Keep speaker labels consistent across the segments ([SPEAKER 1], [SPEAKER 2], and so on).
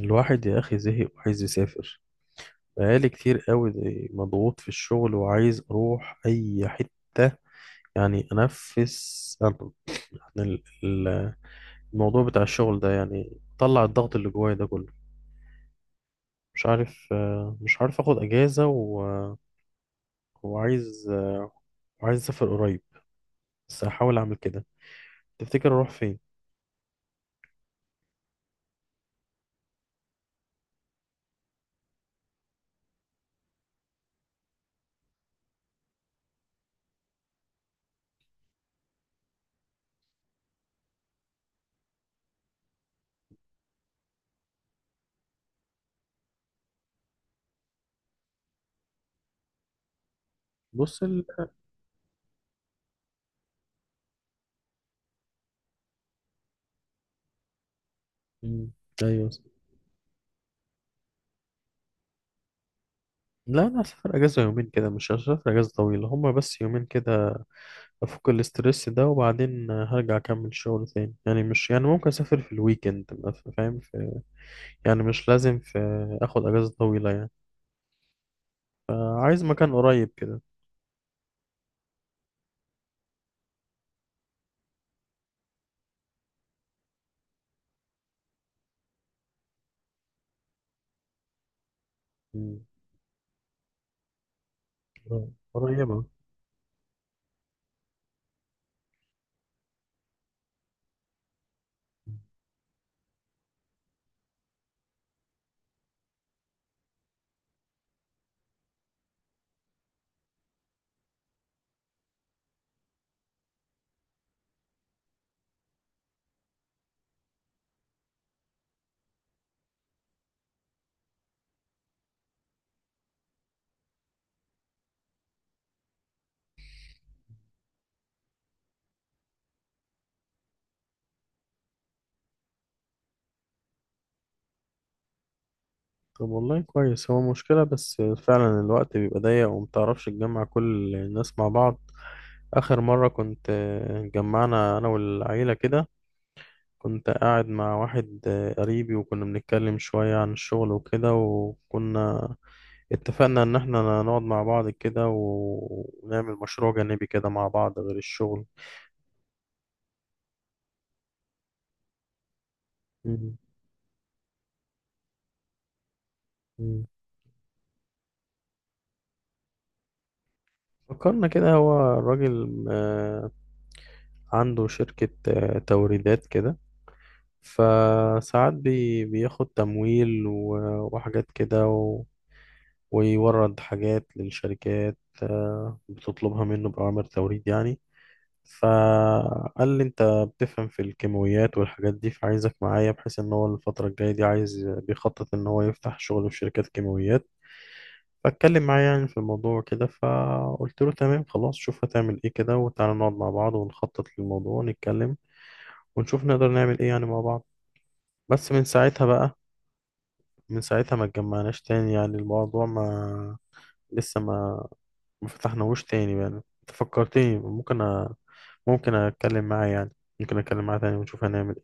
[SPEAKER 1] الواحد يا أخي زهق وعايز يسافر. بقالي كتير قوي، مضغوط في الشغل وعايز أروح أي حتة، يعني أنفس عن عن ال- ال- الموضوع بتاع الشغل ده، يعني طلع الضغط اللي جوايا ده كله. مش عارف أخد أجازة وعايز آه، وعايز أسافر قريب، بس هحاول أعمل كده. تفتكر أروح فين؟ بص مم. أيوه. لا أنا هسافر أجازة يومين كده، مش هسافر أجازة طويلة، هما بس يومين كده، افك الاسترس ده وبعدين هرجع اكمل شغل تاني، يعني مش يعني ممكن اسافر في الويكند، ما ف- فاهم، في يعني مش لازم في اخد اجازة طويلة يعني، عايز مكان قريب كده. مم. قريبة. طب والله كويس، هو مشكلة بس فعلا الوقت بيبقى ضيق ومتعرفش تجمع كل الناس مع بعض. آخر مرة كنت، جمعنا أنا والعيلة كده، كنت قاعد مع واحد قريبي وكنا بنتكلم شوية عن الشغل وكده، وكنا اتفقنا ان احنا نقعد مع بعض كده ونعمل مشروع جانبي كده مع بعض غير الشغل. مم. مم. فكرنا كده، هو الراجل عنده شركة توريدات كده، فساعات بياخد تمويل وحاجات كده ويورد حاجات للشركات بتطلبها منه بأوامر توريد يعني. فقال لي انت بتفهم في الكيماويات والحاجات دي، فعايزك معايا، بحيث ان هو الفترة الجاية دي عايز بيخطط ان هو يفتح شغل في شركات كيماويات. فاتكلم معايا يعني في الموضوع كده، فقلت له تمام خلاص، شوف هتعمل ايه كده وتعالى نقعد مع بعض ونخطط للموضوع ونتكلم، ونشوف نقدر نعمل ايه يعني مع بعض. بس من ساعتها بقى، من ساعتها ما اتجمعناش تاني، يعني الموضوع ما لسه ما فتحناهوش تاني. يعني انت فكرتني، ممكن ممكن اتكلم معاه يعني، ممكن اتكلم معاه تاني ونشوف هنعمل.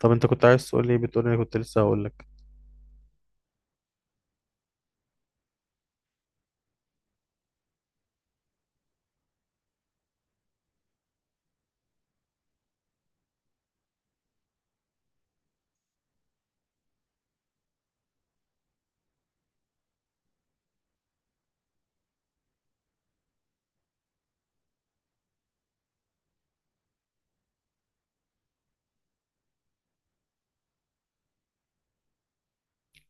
[SPEAKER 1] طب انت كنت عايز تقول لي ايه؟ بتقول لي كنت لسه هقول لك.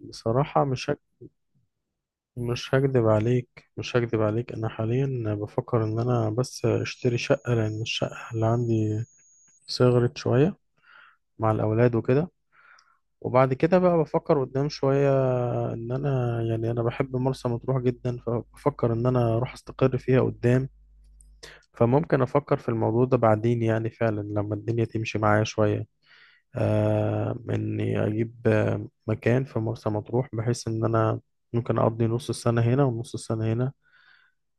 [SPEAKER 1] بصراحة مش هكدب عليك، انا حاليا بفكر ان انا بس اشتري شقة، لان الشقة اللي عندي صغرت شوية مع الاولاد وكده. وبعد كده بقى بفكر قدام شوية، ان انا، يعني بحب مرسى مطروح جدا، فبفكر ان انا اروح استقر فيها قدام، فممكن افكر في الموضوع ده بعدين يعني، فعلا لما الدنيا تمشي معايا شوية، إني أجيب مكان في مرسى مطروح، بحيث إن أنا ممكن أقضي نص السنة هنا ونص السنة هنا.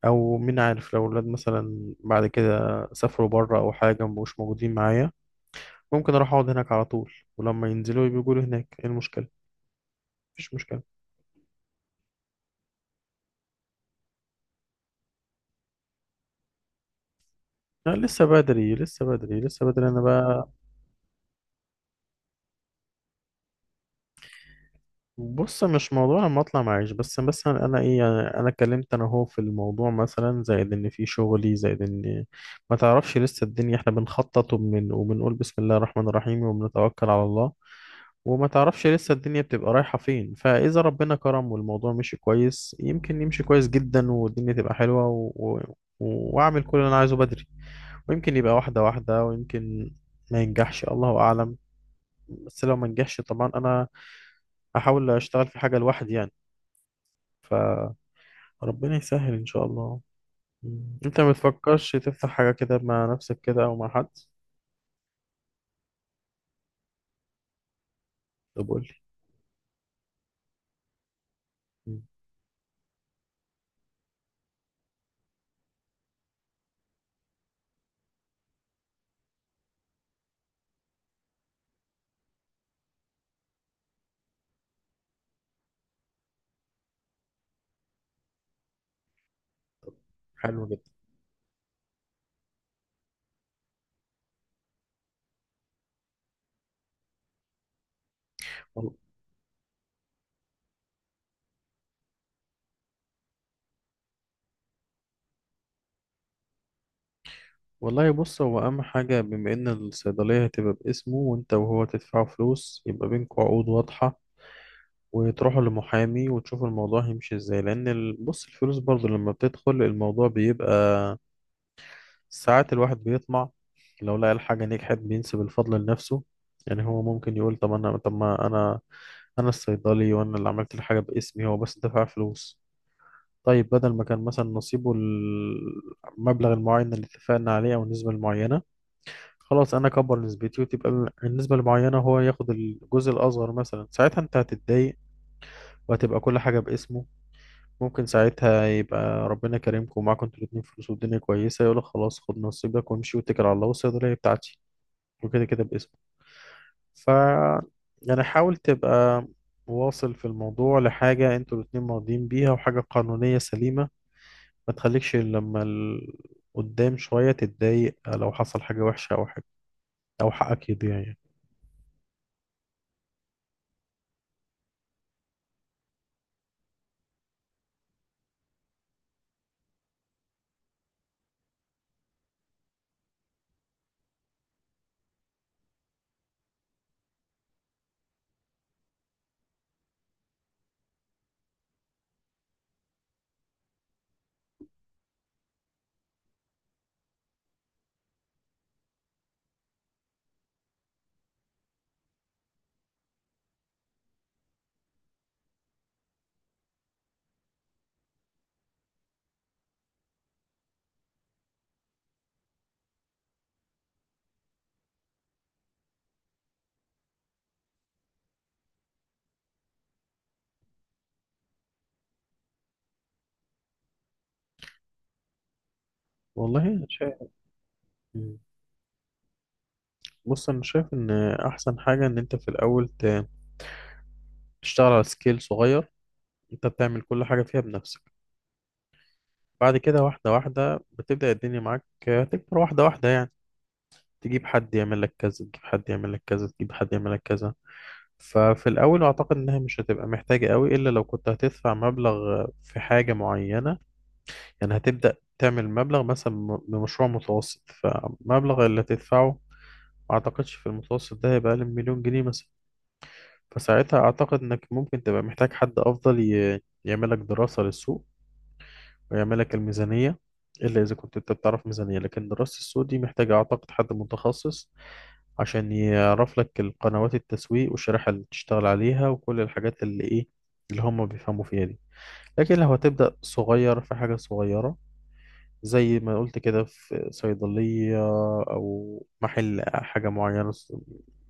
[SPEAKER 1] أو مين عارف، لو الولاد مثلا بعد كده سافروا بره أو حاجة، مبقوش موجودين معايا، ممكن أروح أقعد هناك على طول، ولما ينزلوا يبقوا يقولوا هناك إيه المشكلة؟ مفيش مشكلة. لا، لسه بدري لسه بدري لسه بدري أنا بقى. بص، مش موضوع لما اطلع معيش، بس مثلا انا ايه، يعني انا اتكلمت، انا هو في الموضوع مثلا زائد ان في شغلي زائد ان ما تعرفش لسه الدنيا، احنا بنخطط وبنقول بسم الله الرحمن الرحيم وبنتوكل على الله. وما تعرفش لسه الدنيا بتبقى رايحة فين، فاذا ربنا كرم والموضوع مشي كويس، يمكن يمشي كويس جدا والدنيا تبقى حلوة واعمل كل اللي انا عايزه بدري. ويمكن يبقى واحدة واحدة، ويمكن ما ينجحش، الله اعلم. بس لو ما نجحش طبعا انا هحاول اشتغل في حاجة لوحدي يعني. ف ربنا يسهل ان شاء الله. مم. انت ما بتفكرش تفتح حاجه كده مع نفسك كده او مع حد؟ طب قول لي. مم. طب حلو جدا. وال- والله، بص، هو اهم حاجه، بما ان الصيدليه هتبقى باسمه وانت وهو تدفعوا فلوس، يبقى بينكم عقود واضحه وتروحوا لمحامي وتشوفوا الموضوع هيمشي ازاي، لان بص الفلوس برضو لما بتدخل الموضوع بيبقى ساعات الواحد بيطمع. لو لقى الحاجة نجحت بينسب الفضل لنفسه، يعني هو ممكن يقول طب أنا، طب ما أنا، أنا الصيدلي وأنا اللي عملت الحاجة باسمي، هو بس دفع فلوس. طيب بدل ما كان مثلا نصيبه المبلغ المعين اللي اتفقنا عليه أو النسبة المعينة، خلاص أنا أكبر نسبتي وتبقى النسبة المعينة هو ياخد الجزء الأصغر مثلا، ساعتها أنت هتتضايق، وهتبقى كل حاجة باسمه. ممكن ساعتها يبقى ربنا كريمكم ومعاكم انتوا الاتنين فلوس والدنيا كويسة، يقولك خلاص خد نصيبك وامشي واتكل على الله، والصيدلية بتاعتي وكده كده باسمك. ف يعني حاول تبقى واصل في الموضوع لحاجة انتوا الاتنين راضيين بيها وحاجة قانونية سليمة، ما تخليكش لما قدام شوية تتضايق، لو حصل حاجة وحشة أو حاجة أو حقك يضيع يعني. والله أنا شايف. مم. بص أنا شايف إن أحسن حاجة إن أنت في الأول تشتغل على سكيل صغير، أنت بتعمل كل حاجة فيها بنفسك. بعد كده واحدة واحدة بتبدأ الدنيا معاك تكبر واحدة واحدة يعني، تجيب حد يعمل لك كذا، تجيب حد يعمل لك كذا، تجيب حد يعمل لك كذا. ففي الأول أعتقد إنها مش هتبقى محتاجة قوي، إلا لو كنت هتدفع مبلغ في حاجة معينة. يعني هتبدأ تعمل مبلغ مثلا، بمشروع متوسط، فمبلغ اللي هتدفعه ما أعتقدش في المتوسط ده هيبقى أقل من مليون جنيه مثلا. فساعتها أعتقد إنك ممكن تبقى محتاج حد أفضل يعمل لك دراسة للسوق ويعمل لك الميزانية، إلا إذا كنت أنت بتعرف ميزانية. لكن دراسة السوق دي محتاجة أعتقد حد متخصص، عشان يعرف لك القنوات التسويق والشريحة اللي تشتغل عليها وكل الحاجات اللي إيه اللي هم بيفهموا فيها دي. لكن لو هتبدأ صغير في حاجة صغيرة، زي ما قلت كده، في صيدلية أو محل حاجة معينة،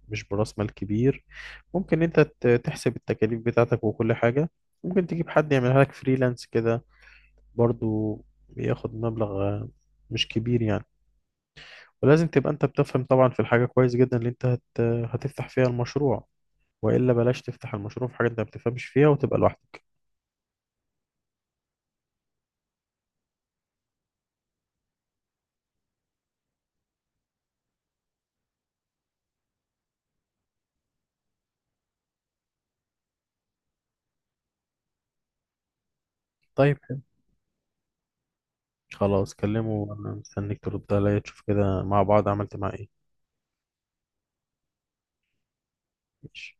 [SPEAKER 1] مش برأس مال كبير، ممكن أنت تحسب التكاليف بتاعتك وكل حاجة، ممكن تجيب حد يعملها لك فريلانس كده برضو، بياخد مبلغ مش كبير يعني. ولازم تبقى انت بتفهم طبعا في الحاجة كويس جدا اللي انت هتفتح فيها المشروع، وإلا بلاش تفتح المشروع في حاجة انت ما بتفهمش فيها وتبقى لوحدك. طيب، حلو. خلاص كلمه، انا مستنيك ترد عليا، تشوف كده مع بعض عملت معاه ايه. ماشي